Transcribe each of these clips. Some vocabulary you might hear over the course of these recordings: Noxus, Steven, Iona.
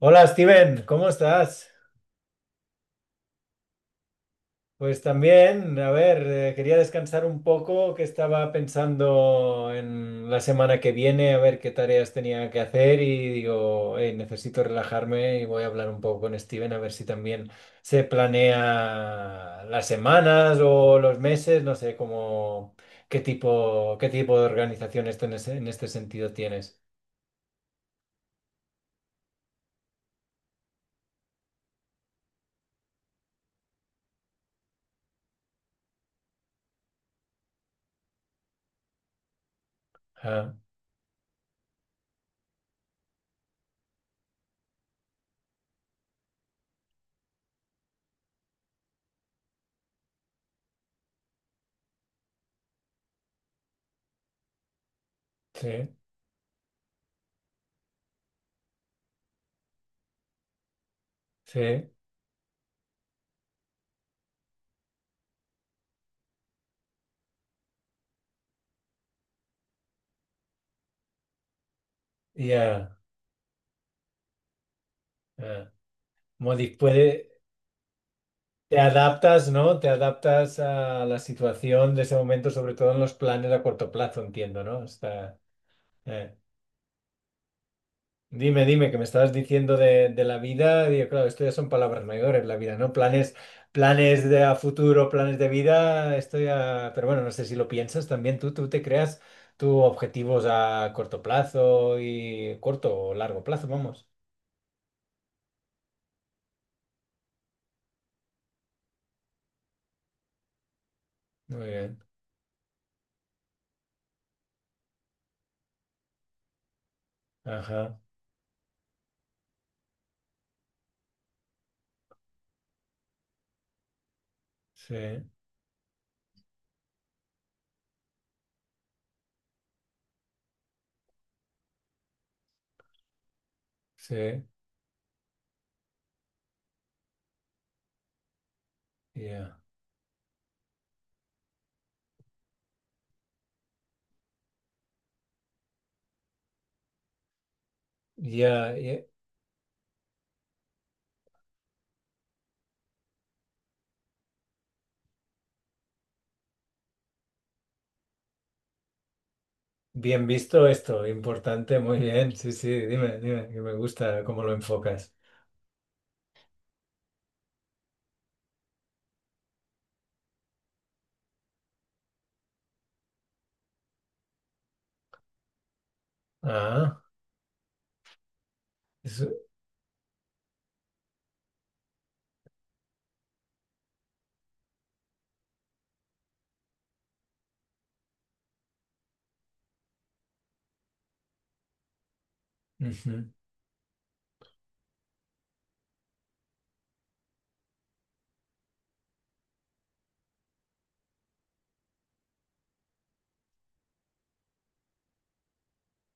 Hola Steven, ¿cómo estás? Pues también, a ver, quería descansar un poco, que estaba pensando en la semana que viene, a ver qué tareas tenía que hacer y digo, "Ey, necesito relajarme y voy a hablar un poco con Steven a ver si también se planea las semanas o los meses, no sé cómo, qué tipo de organización esto en en este sentido tienes. Ah, sí, sí, ya. Ah. Modi- puede. Te adaptas, ¿no? Te adaptas a la situación de ese momento, sobre todo en los planes a corto plazo, entiendo, ¿no? Está, eh. Dime, dime, que me estabas diciendo de la vida. Digo, claro, esto ya son palabras mayores, la vida, ¿no? Planes, planes de a futuro, planes de vida, esto ya... Pero bueno, no sé si lo piensas también tú te creas tus objetivos a corto plazo y corto o largo plazo, vamos. Muy bien. Ajá. Sí, sí, ya. Ya, ya. Bien visto esto, importante, muy bien. Sí, sí, dime, dime, que me gusta cómo lo enfocas. Ah, eso- ujú.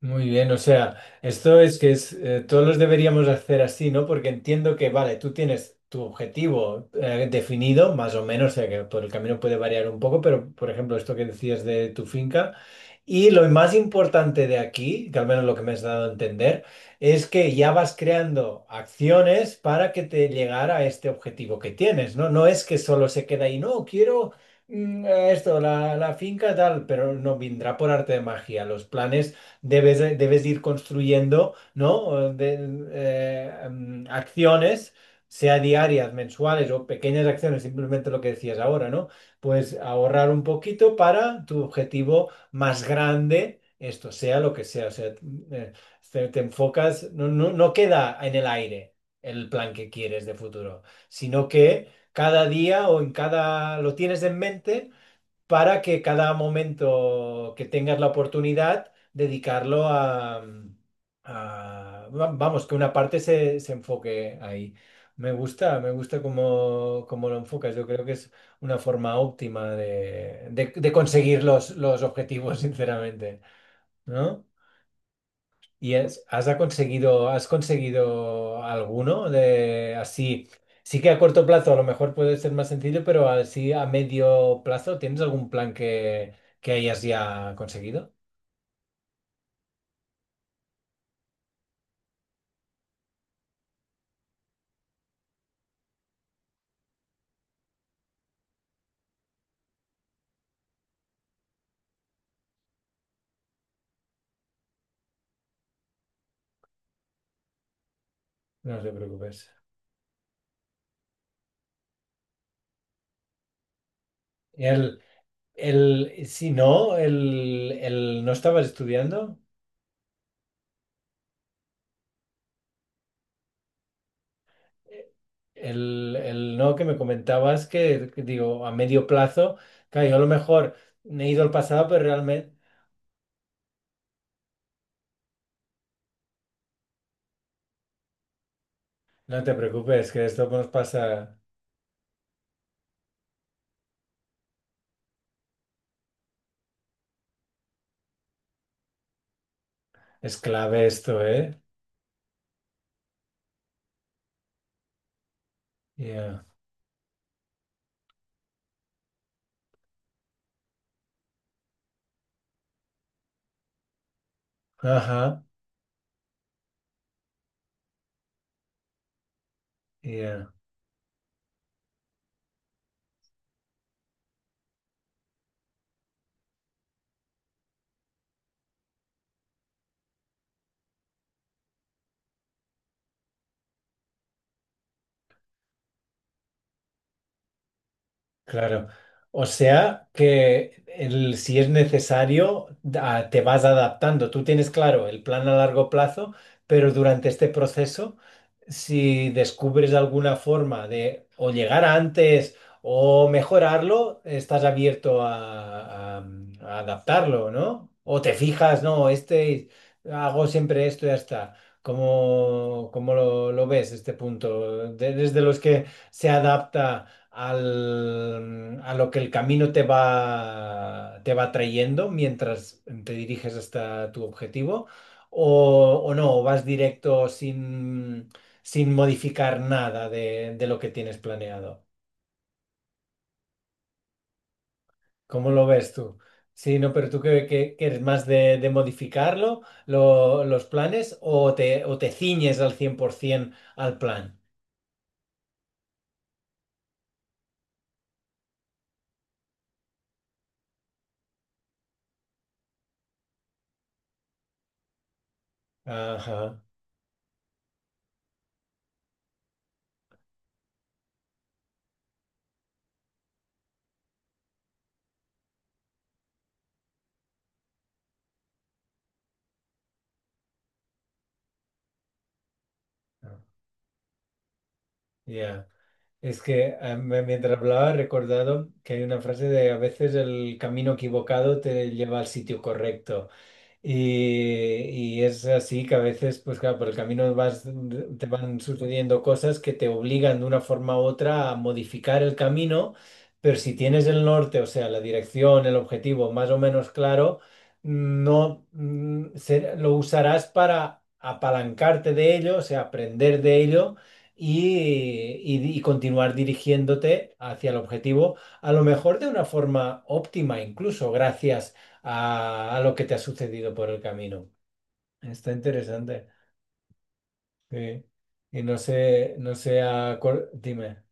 Muy bien, o sea, esto es que es, todos los deberíamos hacer así, ¿no? Porque entiendo que, vale, tú tienes tu objetivo definido, más o menos, o sea, que por el camino puede variar un poco, pero, por ejemplo, esto que decías de tu finca. Y lo más importante de aquí, que al menos lo que me has dado a entender, es que ya vas creando acciones para que te llegara a este objetivo que tienes, ¿no? No es que solo se queda ahí, no, quiero esto, la finca tal, pero no vendrá por arte de magia. Los planes debes ir construyendo, ¿no? Acciones. Sea diarias, mensuales o pequeñas acciones, simplemente lo que decías ahora, ¿no? Pues ahorrar un poquito para tu objetivo más grande, esto sea lo que sea. O sea, te enfocas, no queda en el aire el plan que quieres de futuro, sino que cada día o en cada, lo tienes en mente para que cada momento que tengas la oportunidad, dedicarlo a, vamos, que una parte se enfoque ahí. Me gusta cómo lo enfocas. Yo creo que es una forma óptima de, de conseguir los objetivos, sinceramente, ¿no? ¿Y es- has conseguido alguno de así? Sí que a corto plazo a lo mejor puede ser más sencillo, pero así a medio plazo, ¿tienes algún plan que hayas ya conseguido? No te preocupes. El, el, si no, el no estabas estudiando, el no que me comentabas que digo, a medio plazo, claro, yo a lo mejor me he ido al pasado, pero realmente no te preocupes, que esto nos pasa. Es clave esto, ¿eh? Yeah. Ajá. Yeah. Claro. O sea que el- si es necesario, da- te vas adaptando. Tú tienes claro el plan a largo plazo, pero durante este proceso, si descubres alguna forma de o llegar antes o mejorarlo, estás abierto a, a adaptarlo, ¿no? O te fijas, no, este hago siempre esto y ya está. ¿Cómo, cómo lo ves este punto? De- desde los que se adapta al- a lo que el camino te va trayendo mientras te diriges hasta tu objetivo, o no, o vas directo sin, sin modificar nada de, de lo que tienes planeado. ¿Cómo lo ves tú? Sí, no, pero tú que, que eres más de modificarlo, lo- los planes, o te ciñes al 100% al plan. Ajá. Ya. Es que mientras hablaba he recordado que hay una frase de a veces el camino equivocado te lleva al sitio correcto. Y es así que a veces, pues claro, por el camino vas, te van sucediendo cosas que te obligan de una forma u otra a modificar el camino, pero si tienes el norte, o sea, la dirección, el objetivo más o menos claro, no se- lo usarás para apalancarte de ello, o sea, aprender de ello y continuar dirigiéndote hacia el objetivo, a lo mejor de una forma óptima, incluso gracias a lo que te ha sucedido por el camino. Está interesante. Sí. Y no sé, no sé a cuál- Dime.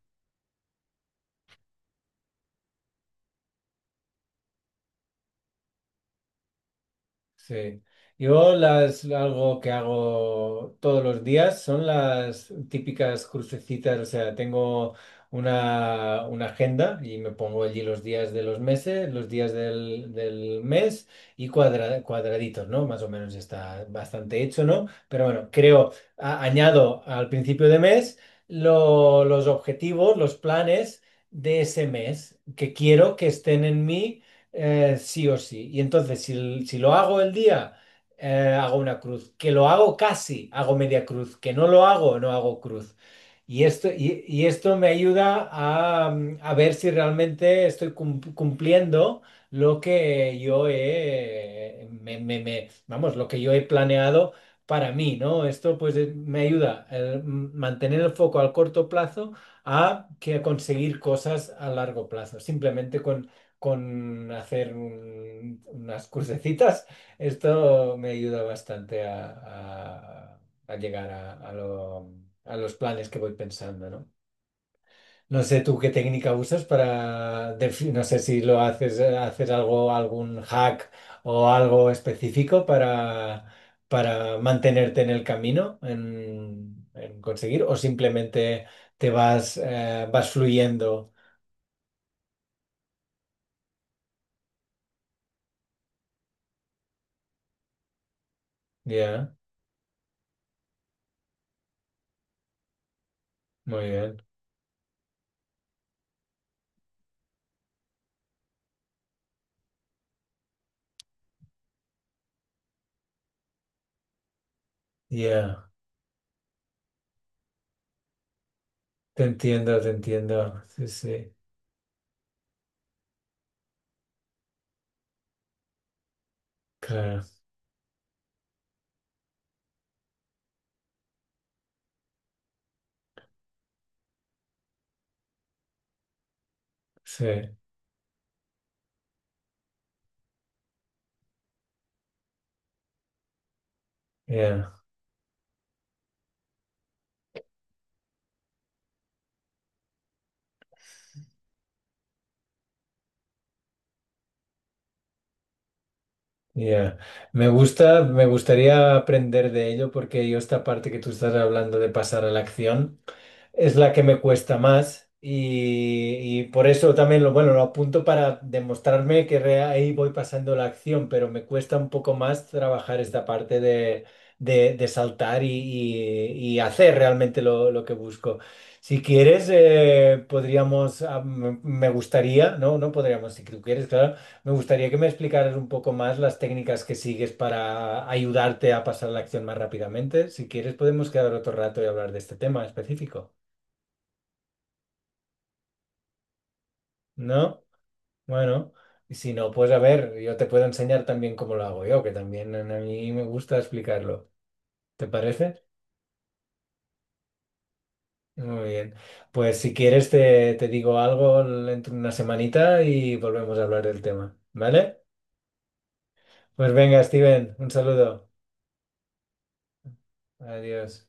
Sí. Yo las algo que hago todos los días son las típicas crucecitas, o sea, tengo una agenda y me pongo allí los días de los meses, los días del mes y cuadra- cuadraditos, ¿no? Más o menos está bastante hecho, ¿no? Pero bueno, creo, a- añado al principio de mes lo- los objetivos, los planes de ese mes que quiero que estén en mí sí o sí. Y entonces, si, l- si lo hago el día, hago una cruz. Que lo hago casi, hago media cruz. Que no lo hago, no hago cruz. Y esto me ayuda a, a ver si realmente estoy cum- cumpliendo lo que yo he, vamos, lo que yo he planeado para mí, ¿no? Esto pues me ayuda a mantener el foco al corto plazo a que a conseguir cosas a largo plazo, simplemente con hacer un- unas cursecitas, esto me ayuda bastante a, a- a llegar a lo- a los planes que voy pensando, ¿no? No sé tú qué técnica usas para, defi- no sé si lo haces, haces algo, algún hack o algo específico para mantenerte en el camino, en conseguir, o simplemente te vas, vas fluyendo. Ya, muy bien. Ya. Te entiendo, te entiendo. Sí, sí, claro. Sí, ya, ya. Me gusta, me gustaría aprender de ello porque yo esta parte que tú estás hablando de pasar a la acción. Es la que me cuesta más y por eso también lo, bueno, lo apunto para demostrarme que re- ahí voy pasando la acción, pero me cuesta un poco más trabajar esta parte de, de saltar y, y hacer realmente lo que busco. Si quieres, podríamos, ah, me gustaría, podríamos, si tú quieres, claro, me gustaría que me explicaras un poco más las técnicas que sigues para ayudarte a pasar la acción más rápidamente. Si quieres, podemos quedar otro rato y hablar de este tema específico. ¿No? Bueno, y si no, pues a ver, yo te puedo enseñar también cómo lo hago yo, que también a mí me gusta explicarlo. ¿Te parece? Muy bien. Pues si quieres te digo algo dentro de una semanita y volvemos a hablar del tema, ¿vale? Pues venga, Steven, un saludo. Adiós.